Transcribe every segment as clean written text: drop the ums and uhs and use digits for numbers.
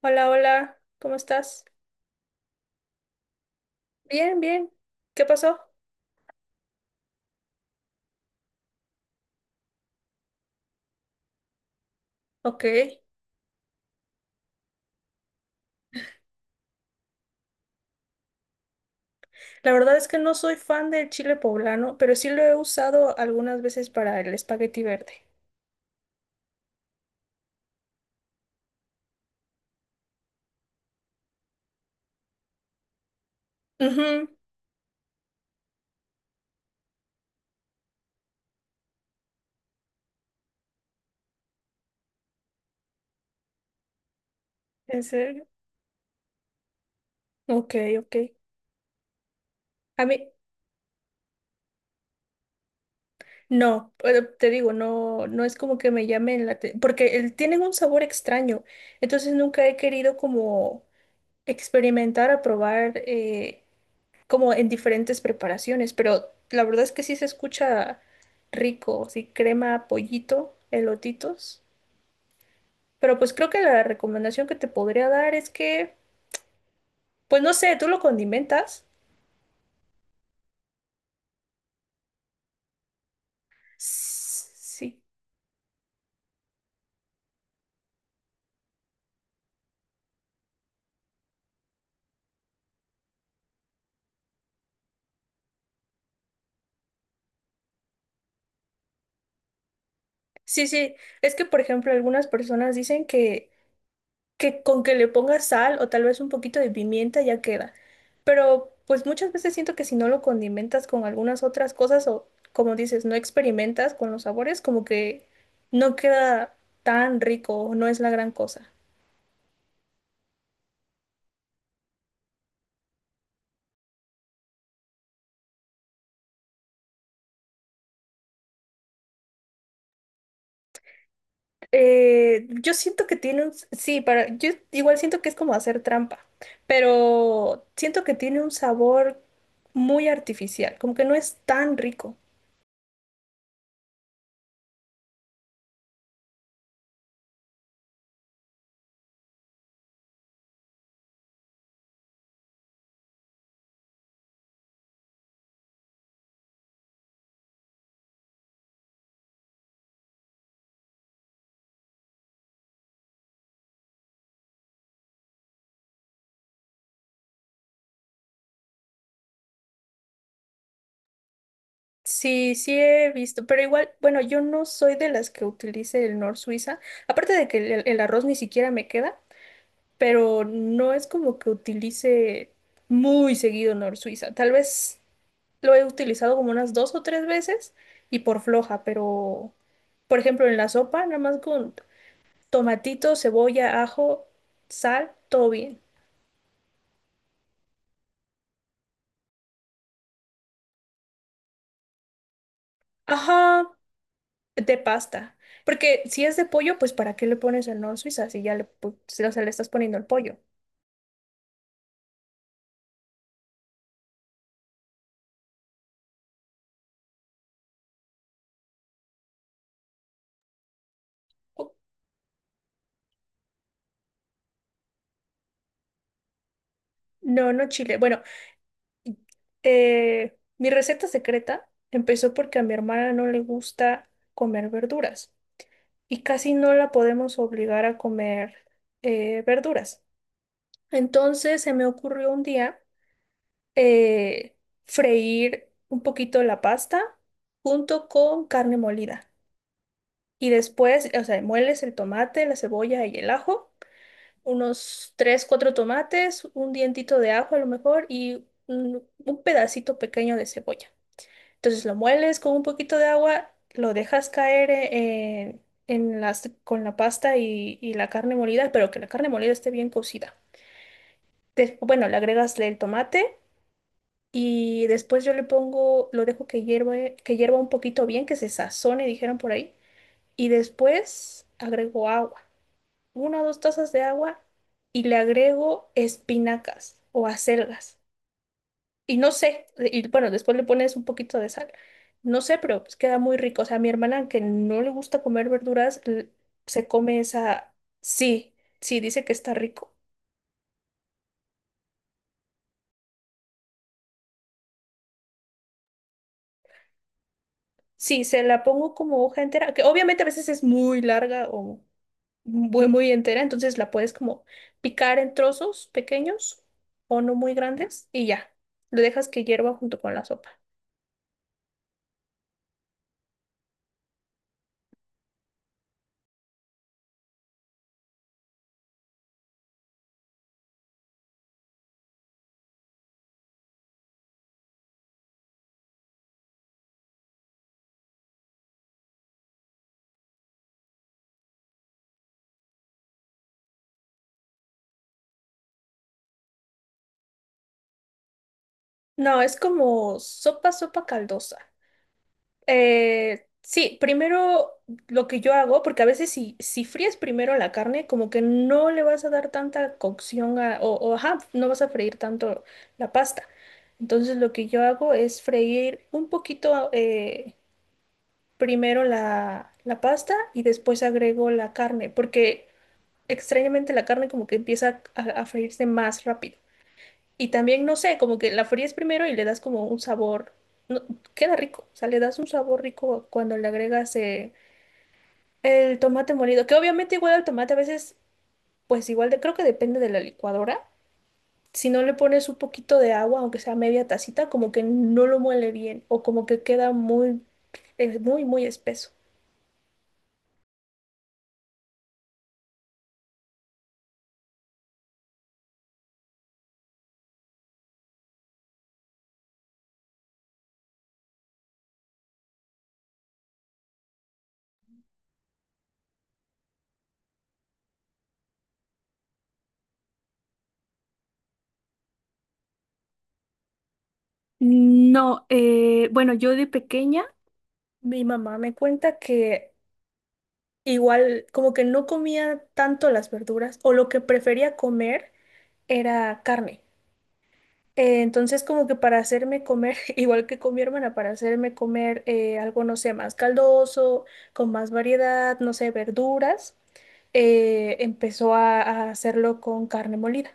Hola, hola, ¿cómo estás? Bien, bien. ¿Qué pasó? Ok. La verdad es que no soy fan del chile poblano, pero sí lo he usado algunas veces para el espagueti verde. Ujú. ¿En serio? Ok, ok. A mí, no, pero te digo, no, no es como que me llamen la atención, porque tienen un sabor extraño, entonces nunca he querido como experimentar a probar como en diferentes preparaciones, pero la verdad es que sí se escucha rico, sí, crema, pollito, elotitos. Pero pues creo que la recomendación que te podría dar es que, pues no sé, tú lo condimentas. Sí, sí, sí. Es que, por ejemplo, algunas personas dicen que con que le pongas sal o tal vez un poquito de pimienta ya queda. Pero pues muchas veces siento que si no lo condimentas con algunas otras cosas o como dices, no experimentas con los sabores, como que no queda tan rico o no es la gran cosa. Yo siento que tiene un, sí, para, yo igual siento que es como hacer trampa, pero siento que tiene un sabor muy artificial, como que no es tan rico. Sí, sí he visto, pero igual, bueno, yo no soy de las que utilice el Nor Suiza, aparte de que el arroz ni siquiera me queda, pero no es como que utilice muy seguido Nor Suiza. Tal vez lo he utilizado como unas dos o tres veces y por floja, pero por ejemplo en la sopa, nada más con tomatito, cebolla, ajo, sal, todo bien. Ajá, de pasta. Porque si es de pollo, pues ¿para qué le pones el Nor Suiza si ya le, pu- si, o sea, le estás poniendo el pollo? No, no chile. Bueno, mi receta secreta empezó porque a mi hermana no le gusta comer verduras y casi no la podemos obligar a comer verduras. Entonces se me ocurrió un día eh, freír un poquito la pasta junto con carne molida. Y después, o sea, mueles el tomate, la cebolla y el ajo. Unos tres, cuatro tomates, un dientito de ajo a lo mejor y un pedacito pequeño de cebolla. Entonces lo mueles con un poquito de agua, lo dejas caer en las, con la pasta y la carne molida, pero que la carne molida esté bien cocida. Bueno, le agregas el tomate y después yo le pongo, lo dejo que hierve, que hierva un poquito bien, que se sazone, dijeron por ahí, y después agrego agua, una o dos tazas de agua y le agrego espinacas o acelgas. Y no sé, y bueno, después le pones un poquito de sal. No sé, pero pues queda muy rico. O sea, mi hermana, que no le gusta comer verduras, se come esa. Sí, sí, dice que está rico. Sí, se la pongo como hoja entera, que obviamente a veces es muy larga o muy, muy entera, entonces la puedes como picar en trozos pequeños o no muy grandes y ya. Le dejas que hierva junto con la sopa. No, es como sopa, sopa caldosa. Sí, primero lo que yo hago, porque a veces si fríes primero la carne, como que no le vas a dar tanta cocción o, ajá, no vas a freír tanto la pasta. Entonces lo que yo hago es freír un poquito primero la pasta y después agrego la carne, porque extrañamente la carne como que empieza a freírse más rápido. Y también, no sé, como que la fríes primero y le das como un sabor, no, queda rico, o sea, le das un sabor rico cuando le agregas el tomate molido, que obviamente igual el tomate a veces, pues igual de, creo que depende de la licuadora. Si no le pones un poquito de agua, aunque sea media tacita, como que no lo muele bien o como que queda muy, muy, muy espeso. No, bueno, yo de pequeña, mi mamá me cuenta que igual como que no comía tanto las verduras o lo que prefería comer era carne. Entonces, como que para hacerme comer, igual que con mi hermana, para hacerme comer algo, no sé, más caldoso, con más variedad, no sé, verduras, empezó a hacerlo con carne molida.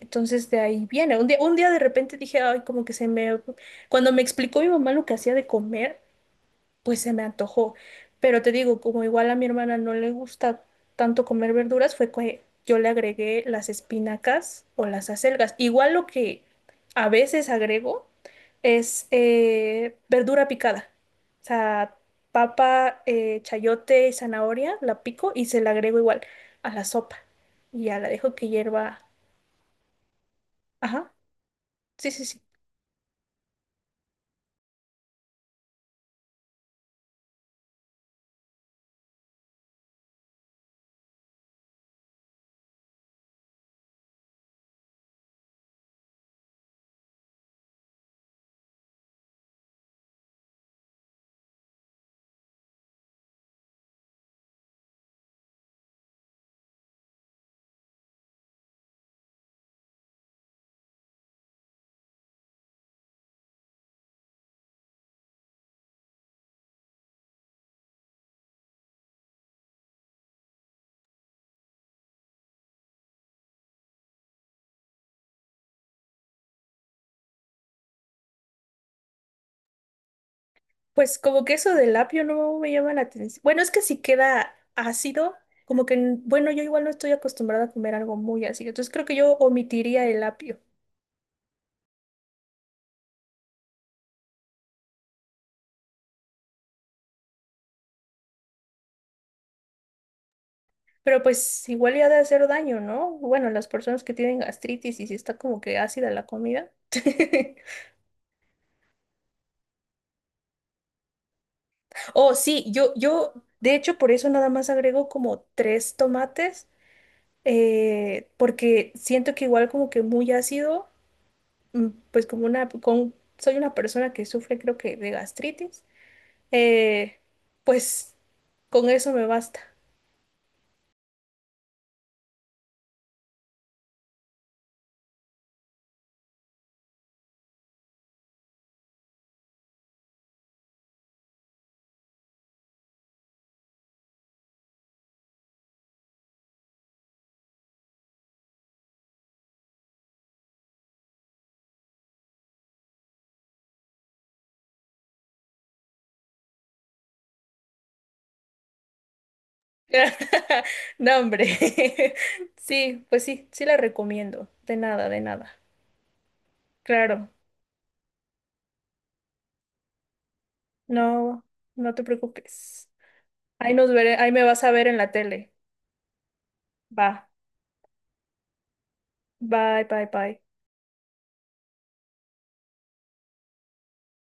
Entonces de ahí viene. Un día de repente dije, ay, como que se me... Cuando me explicó mi mamá lo que hacía de comer, pues se me antojó. Pero te digo, como igual a mi hermana no le gusta tanto comer verduras, fue que yo le agregué las espinacas o las acelgas. Igual lo que a veces agrego es verdura picada. O sea, papa, chayote y zanahoria, la pico y se la agrego igual a la sopa. Y ya la dejo que hierva. Ajá, sí, sí, sí. Pues como que eso del apio no me llama la atención. Bueno, es que si queda ácido, como que, bueno, yo igual no estoy acostumbrada a comer algo muy ácido, entonces creo que yo omitiría el apio. Pero pues igual ya ha de hacer daño, ¿no? Bueno, las personas que tienen gastritis y si está como que ácida la comida. Oh, sí, yo, de hecho, por eso nada más agrego como tres tomates, porque siento que igual como que muy ácido, mm, pues como una, con, soy una persona que sufre creo que de gastritis. Eh, pues con eso me basta. No, hombre. Sí, pues sí, sí la recomiendo. De nada, de nada. Claro, no, no te preocupes. Ahí nos veré, ahí me vas a ver en la tele. Va, bye, bye, bye.